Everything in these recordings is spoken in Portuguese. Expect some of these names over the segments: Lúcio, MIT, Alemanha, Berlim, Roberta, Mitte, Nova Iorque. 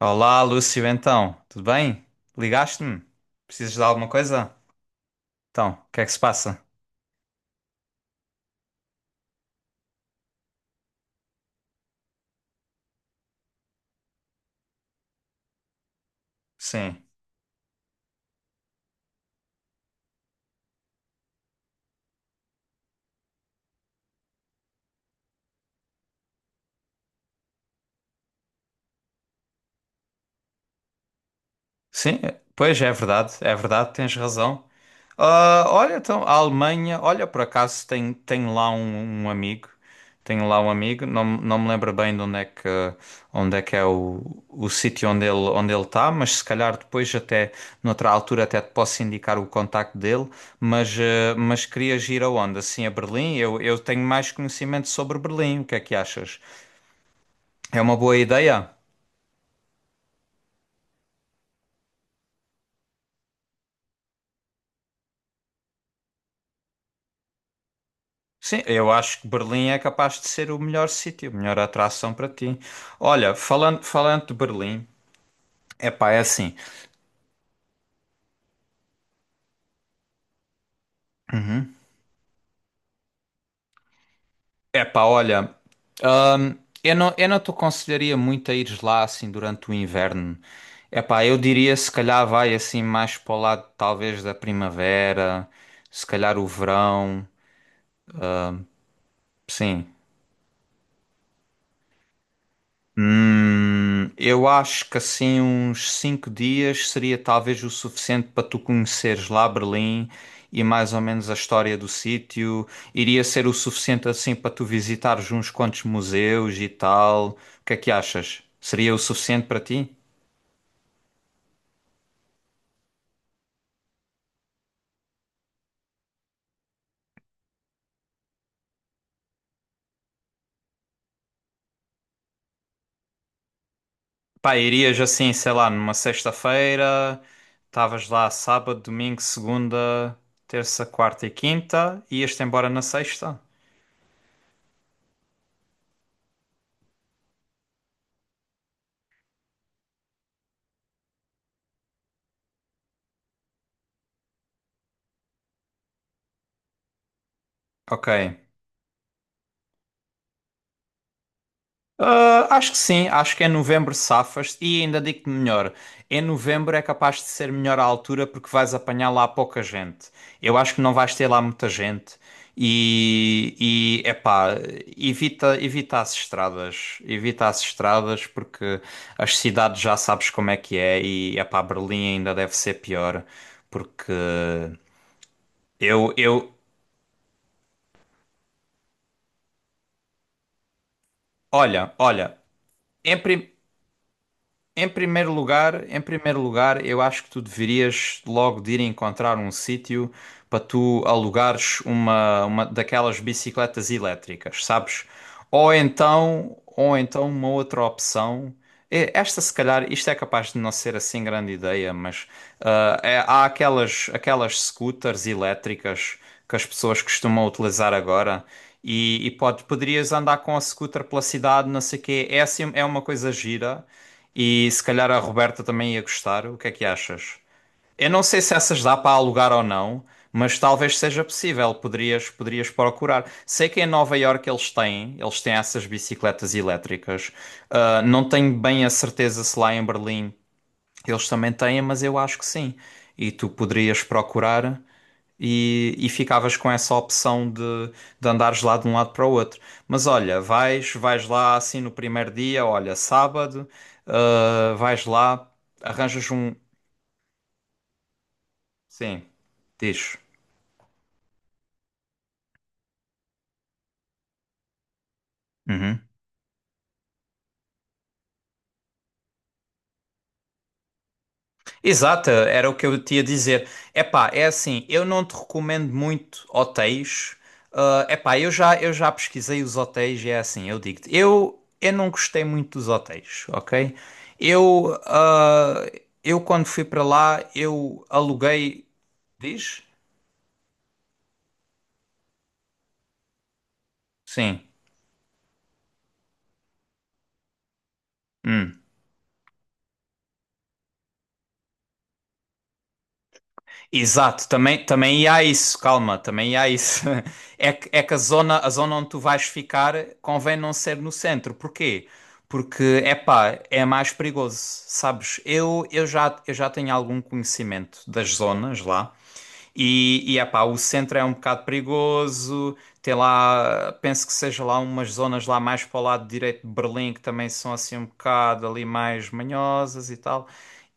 Olá, Lúcio, então, tudo bem? Ligaste-me? Precisas de alguma coisa? Então, o que é que se passa? Sim. Pois é verdade, tens razão. Ah, olha, então, a Alemanha, olha, por acaso tem, um amigo, tem lá um amigo, não me lembro bem de onde é que é o sítio onde ele está, mas se calhar depois até, noutra altura até te posso indicar o contacto dele, mas, mas querias ir aonde? Assim, a Berlim? Eu tenho mais conhecimento sobre Berlim, o que é que achas? É uma boa ideia? Sim, eu acho que Berlim é capaz de ser o melhor sítio, a melhor atração para ti. Olha, falando de Berlim, é pá, é assim. Uhum. É pá, olha, hum, eu não te aconselharia muito a ires lá assim durante o inverno. É pá, eu diria se calhar vai assim mais para o lado talvez da primavera, se calhar o verão. Sim. Eu acho que assim uns cinco dias seria talvez o suficiente para tu conheceres lá Berlim e mais ou menos a história do sítio. Iria ser o suficiente assim para tu visitares uns quantos museus e tal. O que é que achas? Seria o suficiente para ti? Pá, irias assim, sei lá, numa sexta-feira, estavas lá sábado, domingo, segunda, terça, quarta e quinta, ias-te embora na sexta? Ok. Ah, acho que sim, acho que em novembro safas e ainda digo-te melhor, em novembro é capaz de ser melhor a altura porque vais apanhar lá pouca gente. Eu acho que não vais ter lá muita gente e, e epá, evita as estradas porque as cidades já sabes como é que é e epá, Berlim ainda deve ser pior porque eu, eu, olha, olha, em primeiro lugar, em primeiro lugar, eu acho que tu deverias logo de ir encontrar um sítio para tu alugares uma daquelas bicicletas elétricas, sabes? Ou então uma outra opção. E esta, se calhar, isto é capaz de não ser assim grande ideia, mas há aquelas, aquelas scooters elétricas que as pessoas costumam utilizar agora. Poderias andar com a scooter pela cidade, não sei o quê. É, assim, é uma coisa gira e se calhar a Roberta também ia gostar. O que é que achas? Eu não sei se essas dá para alugar ou não, mas talvez seja possível. Poderias procurar. Sei que em Nova Iorque eles têm essas bicicletas elétricas. Ah, não tenho bem a certeza se lá em Berlim eles também têm, mas eu acho que sim. E tu poderias procurar e ficavas com essa opção de andares lá de um lado para o outro. Mas olha, vais lá assim no primeiro dia, olha, sábado, ah, vais lá, arranjas um. Sim, diz. Uhum. Exato, era o que eu te ia dizer. Epá, é assim, eu não te recomendo muito hotéis. Ah, epá, eu já pesquisei os hotéis e é assim, eu digo-te, eu não gostei muito dos hotéis, ok? Eu, quando fui para lá, eu aluguei. Diz? Sim. Hum. Exato, também há isso, calma, também há isso. É que a zona onde tu vais ficar convém não ser no centro. Porquê? Porque, epá, é mais perigoso, sabes? Eu já tenho algum conhecimento das zonas lá e epá, o centro é um bocado perigoso. Tem lá, penso que seja lá umas zonas lá mais para o lado direito de Berlim que também são assim um bocado ali mais manhosas e tal.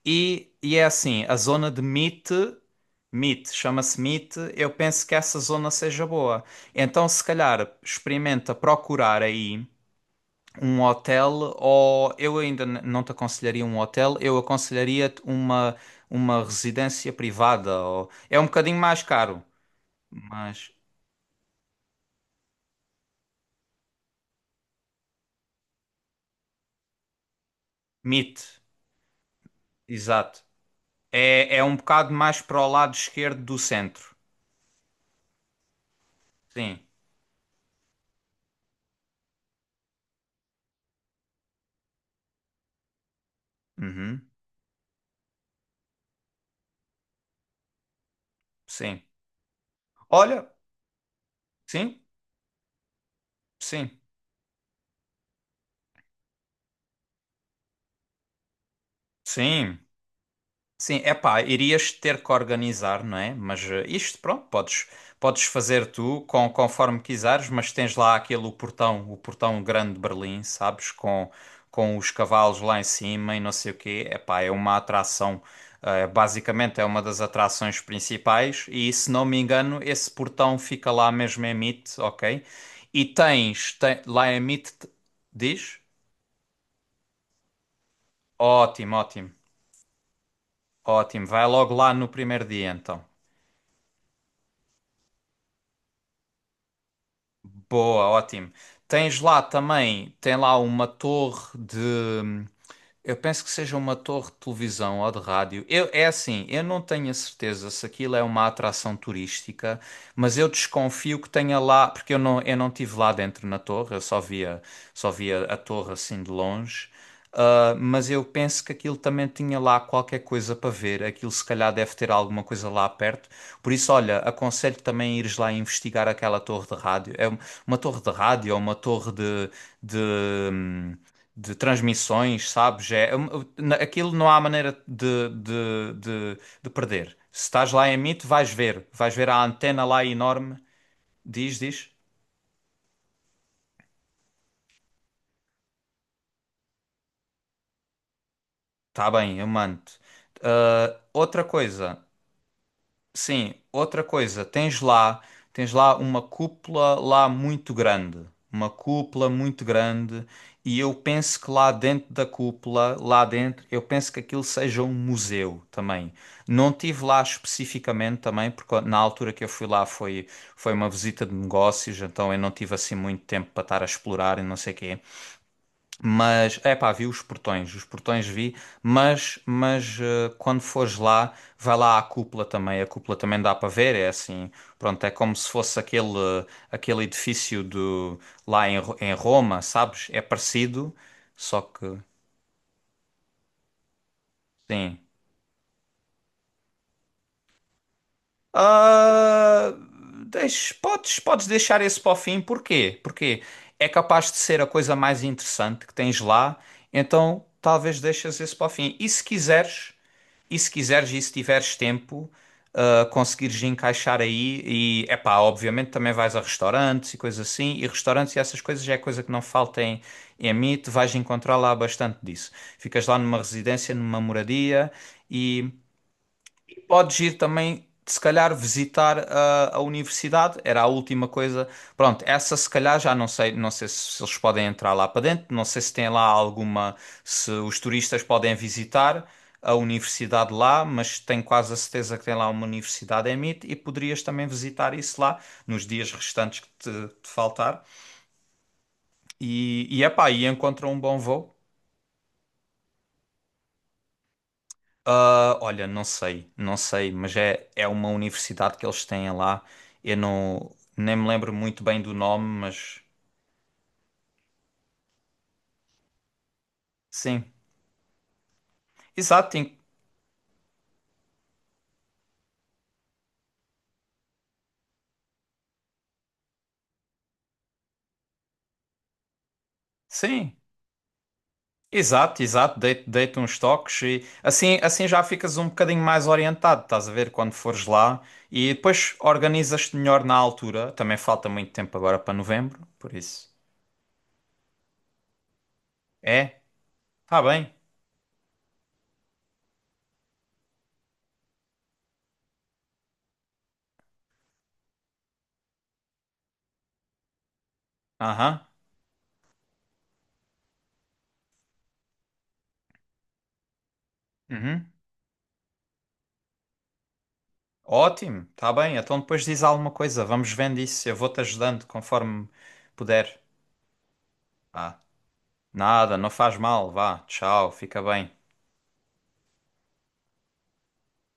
E é assim, a zona de Meet, Meet, chama-se Meet, eu penso que essa zona seja boa. Então, se calhar, experimenta procurar aí um hotel, ou eu ainda não te aconselharia um hotel, eu aconselharia-te uma residência privada. Ou, é um bocadinho mais caro, mas Meet, exato. É um bocado mais para o lado esquerdo do centro. Sim. Uhum. Sim. Olha, sim, sim, sim. Sim, é pá, irias ter que organizar, não é? Mas eh, isto, pronto, podes fazer tu com, conforme quiseres, mas tens lá aquele o portão grande de Berlim, sabes? Com os cavalos lá em cima e não sei o quê. É pá, é uma atração, eh, basicamente é uma das atrações principais e, se não me engano, esse portão fica lá mesmo em Mitte, ok? E tens, lá em Mitte, diz? Ótimo, ótimo, ótimo. Vai logo lá no primeiro dia, então. Boa, ótimo. Tens lá também, tem lá uma torre de, hum, eu penso que seja uma torre de televisão ou de rádio. É assim, eu não tenho a certeza se aquilo é uma atração turística, mas eu desconfio que tenha lá, porque eu não estive lá dentro na torre, só via a torre assim de longe. Ah, mas eu penso que aquilo também tinha lá qualquer coisa para ver. Aquilo se calhar deve ter alguma coisa lá perto. Por isso, olha, aconselho também ires lá investigar aquela torre de rádio. Uma torre de rádio ou uma torre de, de, hum, de transmissões, sabes? Aquilo não há maneira de perder. Se estás lá em Meet, vais ver. Vais ver a antena lá enorme. Diz, diz. Tá bem, eu mando. Ah, outra coisa. Sim, outra coisa, tens lá uma cúpula lá muito grande, uma cúpula muito grande, e eu penso que lá dentro da cúpula, lá dentro, eu penso que aquilo seja um museu também. Não tive lá especificamente também, porque na altura que eu fui lá foi uma visita de negócios, então eu não tive assim muito tempo para estar a explorar e não sei quê. Mas, é pá, vi os portões vi, mas eh, quando fores lá, vai lá à cúpula também, a cúpula também dá para ver, é assim, pronto, é como se fosse aquele, aquele edifício do, lá em, em Roma, sabes? É parecido, só que, sim. Ah, podes deixar esse para o fim, porquê? Porque é capaz de ser a coisa mais interessante que tens lá, então talvez deixes esse para o fim. E se quiseres. E se quiseres e se tiveres tempo, ah, conseguires encaixar aí e, epá, obviamente também vais a restaurantes e coisas assim, e restaurantes e essas coisas já é coisa que não falta em, em mim, tu vais encontrar lá bastante disso. Ficas lá numa residência, numa moradia e podes ir também, se calhar, visitar a universidade, era a última coisa. Pronto, essa se calhar já não sei, não sei se eles podem entrar lá para dentro, não sei se tem lá alguma, se os turistas podem visitar a universidade lá, mas tenho quase a certeza que tem lá uma universidade em MIT e poderias também visitar isso lá nos dias restantes que te faltar. E epá, e encontra um bom voo. Ah, olha, não sei, não sei, mas é, é uma universidade que eles têm lá. Eu não, nem me lembro muito bem do nome, mas sim, exato, sim, exato, exato. Dei, dei uns toques e assim, assim já ficas um bocadinho mais orientado, estás a ver, quando fores lá e depois organizas-te melhor na altura. Também falta muito tempo agora para novembro, por isso. É, tá bem, aham, uhum. Ótimo, está bem. Então depois diz alguma coisa, vamos vendo isso. Eu vou-te ajudando conforme puder. Ah, nada, não faz mal. Vá, tchau, fica bem.